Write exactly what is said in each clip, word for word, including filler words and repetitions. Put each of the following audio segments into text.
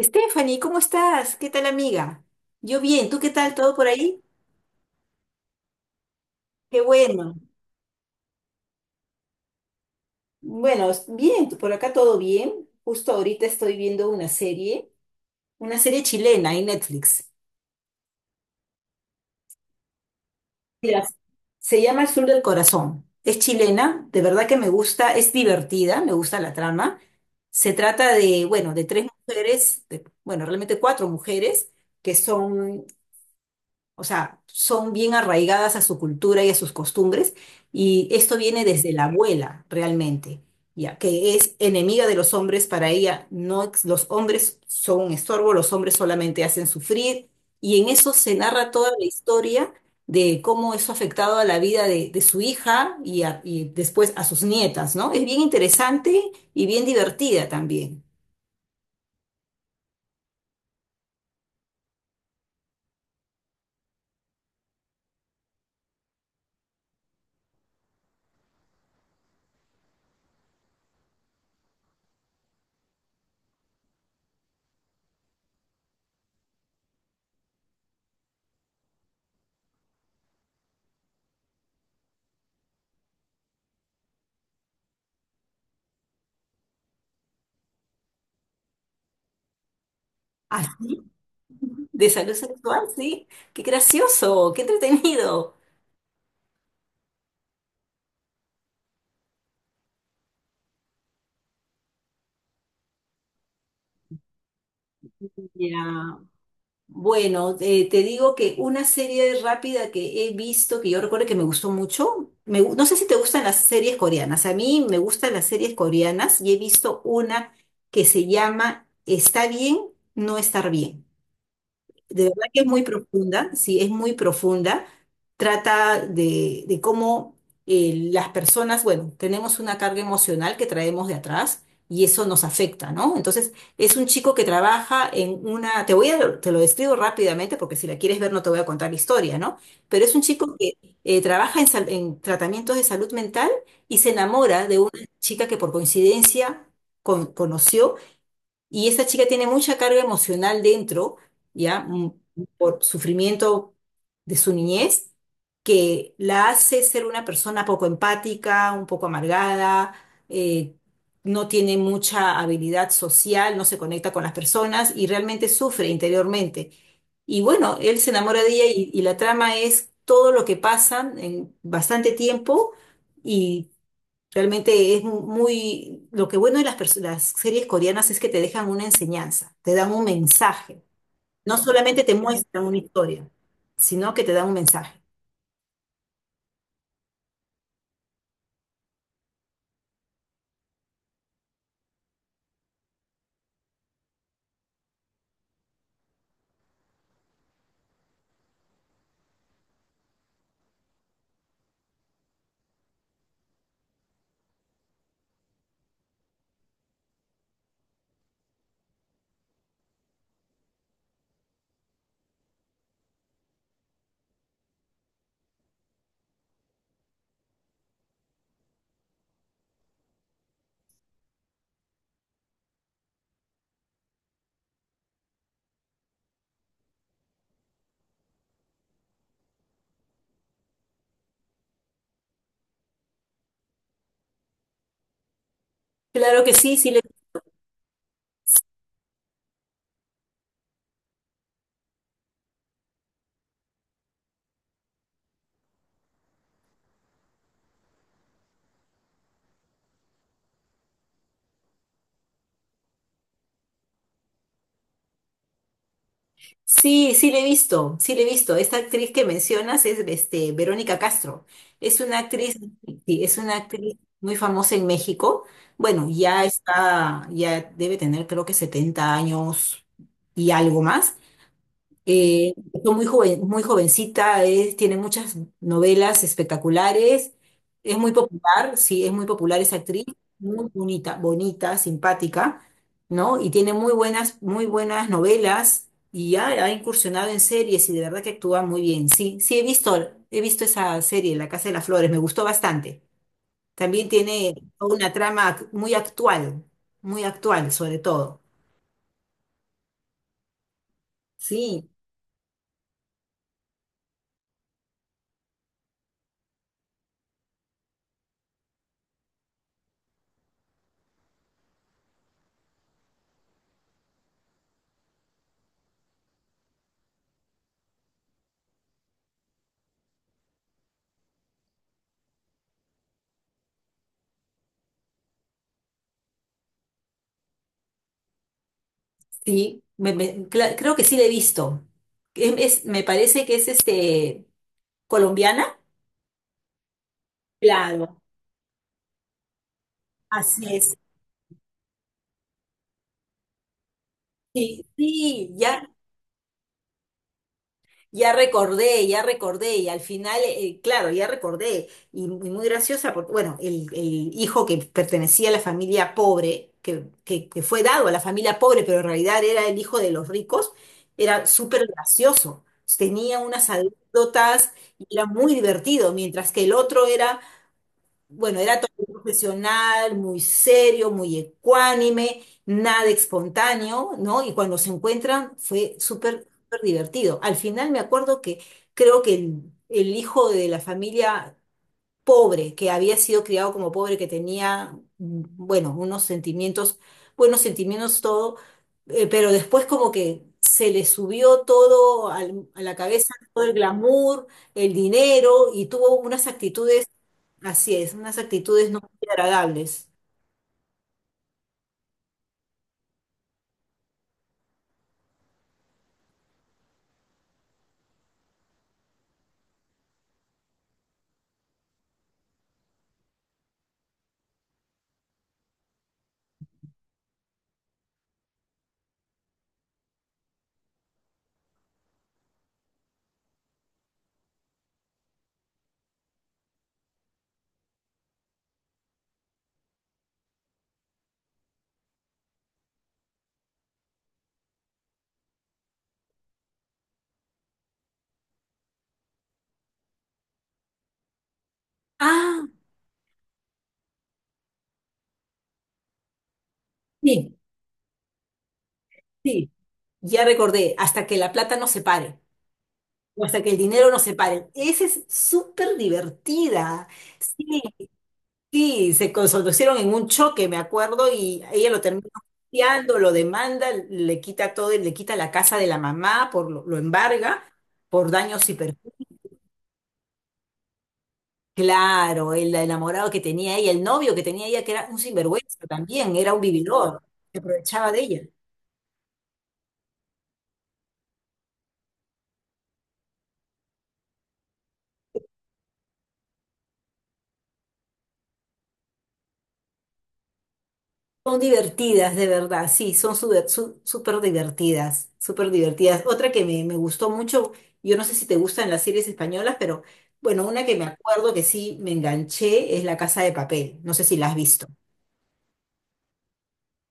Stephanie, ¿cómo estás? ¿Qué tal, amiga? Yo bien, ¿tú qué tal? ¿Todo por ahí? Qué bueno. Bueno, bien, por acá todo bien. Justo ahorita estoy viendo una serie, una serie chilena en Netflix. Mira, se llama El Sur del Corazón. Es chilena, de verdad que me gusta, es divertida, me gusta la trama. Se trata de, bueno, de tres mujeres, de- bueno, realmente cuatro mujeres que son. O sea, son bien arraigadas a su cultura y a sus costumbres, y esto viene desde la abuela realmente, ya que es enemiga de los hombres para ella. No, ex- los hombres son un estorbo, los hombres solamente hacen sufrir, y en eso se narra toda la historia de cómo eso ha afectado a la vida de, de su hija y, a- y después a sus nietas, ¿no? Es bien interesante y bien divertida también. Así, de salud sexual, sí. Qué gracioso, qué entretenido. Ya. Bueno, eh, te digo que una serie rápida que he visto, que yo recuerdo que me gustó mucho, me gu- no sé si te gustan las series coreanas, a mí me gustan las series coreanas y he visto una que se llama Está bien, no estar bien. De verdad que es muy profunda, sí, es muy profunda. Trata de, de cómo eh, las personas, bueno, tenemos una carga emocional que traemos de atrás y eso nos afecta, ¿no? Entonces, es un chico que trabaja en una, te voy a, te lo describo rápidamente porque si la quieres ver no te voy a contar la historia, ¿no? Pero es un chico que eh, trabaja en, sal- en tratamientos de salud mental y se enamora de una chica que por coincidencia con- conoció y esa chica tiene mucha carga emocional dentro, ¿ya? Mm. Por sufrimiento de su niñez, que la hace ser una persona poco empática, un poco amargada, eh, no tiene mucha habilidad social, no se conecta con las personas y realmente sufre interiormente. Y bueno, él se enamora de ella y, y la trama es todo lo que pasan en bastante tiempo y. Realmente es muy... Lo que bueno de las, perso- las series coreanas es que te dejan una enseñanza, te dan un mensaje. No solamente te muestran una historia, sino que te dan un mensaje. Claro que sí, sí le, sí, sí le he visto, sí le he visto. Esta actriz que mencionas es este, Verónica Castro. Es una actriz, sí, es una actriz muy famosa en México. Bueno, ya está, ya debe tener creo que setenta años y algo más. Eh, fue muy joven, muy jovencita, es- tiene muchas novelas espectaculares, es muy popular, sí, es muy popular esa actriz, muy bonita, bonita, simpática, ¿no? Y tiene muy buenas, muy buenas novelas y ya ha incursionado en series y de verdad que actúa muy bien. Sí, sí, he visto, he visto esa serie, La Casa de las Flores, me gustó bastante. También tiene una trama ac- muy actual, muy actual sobre todo. Sí. Sí, me- me- cla- creo que sí la he visto. Es- es- me parece que es este colombiana. Claro, así es. Sí, sí, ya, ya recordé, ya recordé, y al final, eh, claro, ya recordé, y, muy muy graciosa, porque, bueno, el, el hijo que pertenecía a la familia pobre, que, que, que fue dado a la familia pobre, pero en realidad era el hijo de los ricos, era súper gracioso, tenía unas anécdotas y era muy divertido, mientras que el otro era. Bueno, era todo un profesional, muy serio, muy ecuánime, nada espontáneo, ¿no? Y cuando se encuentran fue súper, súper divertido. Al final me acuerdo que creo que el, el hijo de la familia pobre, que había sido criado como pobre, que tenía, mm, bueno, unos sentimientos, buenos sentimientos todo, eh, pero después como que se le subió todo al- a la cabeza, todo el glamour, el dinero y tuvo unas actitudes. Así es, unas actitudes no muy agradables. Ah, sí, sí. Ya recordé, hasta que la plata nos separe o hasta que el dinero nos separe. Esa es súper divertida. Sí, sí, se conocieron en un choque, me acuerdo, y ella lo termina hostiando, lo demanda, le quita todo, le quita la casa de la mamá, por lo, lo embarga por daños y perjuicios. Claro, el enamorado que tenía ella, el novio que tenía ella, que era un sinvergüenza también, era un vividor, se aprovechaba de ella. Son divertidas, de verdad, sí, son súper su- súper divertidas, súper divertidas. Otra que me, me gustó mucho, yo no sé si te gustan las series españolas, pero bueno, una que me acuerdo que sí me enganché es La Casa de Papel, no sé si la has visto.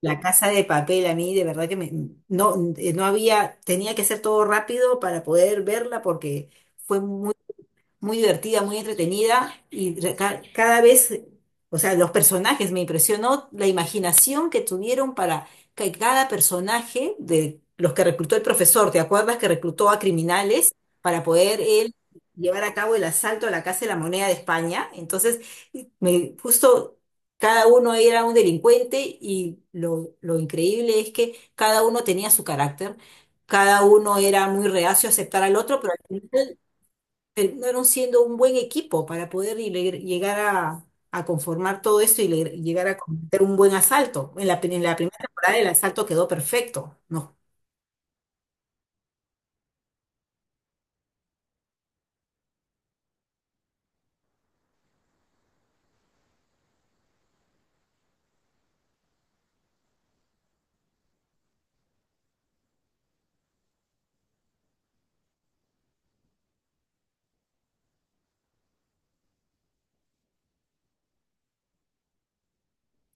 La Casa de Papel a mí de verdad que me, no, eh, no había, tenía que hacer todo rápido para poder verla porque fue muy muy divertida, muy entretenida y re- ca- cada vez, o sea, los personajes me impresionó la imaginación que tuvieron para que cada personaje de los que reclutó el profesor, ¿te acuerdas que reclutó a criminales para poder él llevar a cabo el asalto a la Casa de la Moneda de España? Entonces, me justo cada uno era un delincuente y lo, lo increíble es que cada uno tenía su carácter. Cada uno era muy reacio a aceptar al otro, pero al final terminaron siendo un buen equipo para poder y le- llegar a, a conformar todo esto y le- llegar a cometer un buen asalto. En la, pri- en la primera temporada el asalto quedó perfecto, ¿no?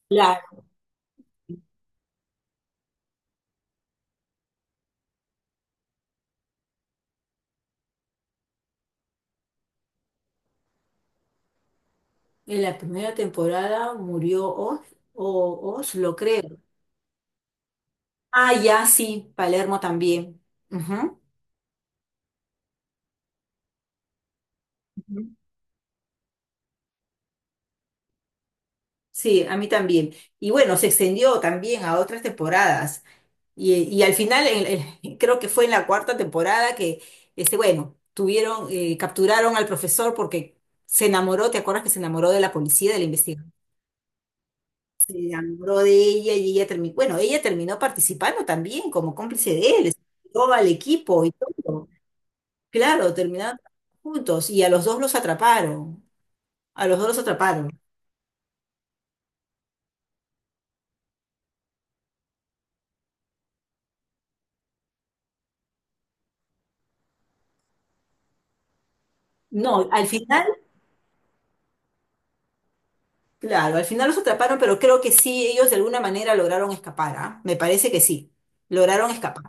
Claro, en la primera temporada murió Oz, o Oz, lo creo. Ah, ya, sí, Palermo también. Ujú, ujú. Sí, a mí también. Y bueno, se extendió también a otras temporadas. Y, y al final, en- en- creo que fue en la cuarta temporada que, este, bueno, tuvieron, eh, capturaron al profesor porque se enamoró, ¿te acuerdas que se enamoró de la policía, de la investigación? Se enamoró de ella y ella terminó, bueno, ella terminó participando también como cómplice de él, todo al equipo y todo. Claro, terminaron juntos y a los dos los atraparon, a los dos los atraparon. No, al final, claro, al final los atraparon, pero creo que sí, ellos de alguna manera lograron escapar, ¿ah? Me parece que sí, lograron escapar.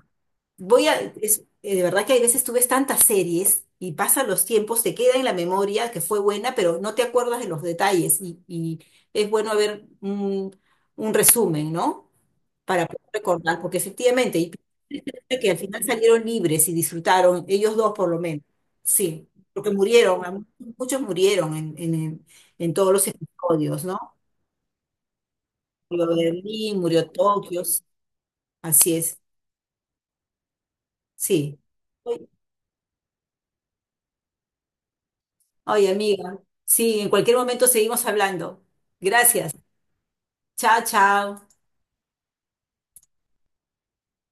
Voy a, es, eh, de verdad que hay veces tú ves tantas series y pasan los tiempos, te queda en la memoria que fue buena, pero no te acuerdas de los detalles y, y es bueno ver un, un resumen, ¿no? Para poder recordar, porque efectivamente, y piensa que al final salieron libres y disfrutaron, ellos dos por lo menos, sí, porque murieron, a mu- muchos murieron en, en, en todos los episodios, ¿no? Murió Berlín, murió Tokio, así es, sí. Ay, amiga. Sí, en cualquier momento seguimos hablando. Gracias. Chao, chao.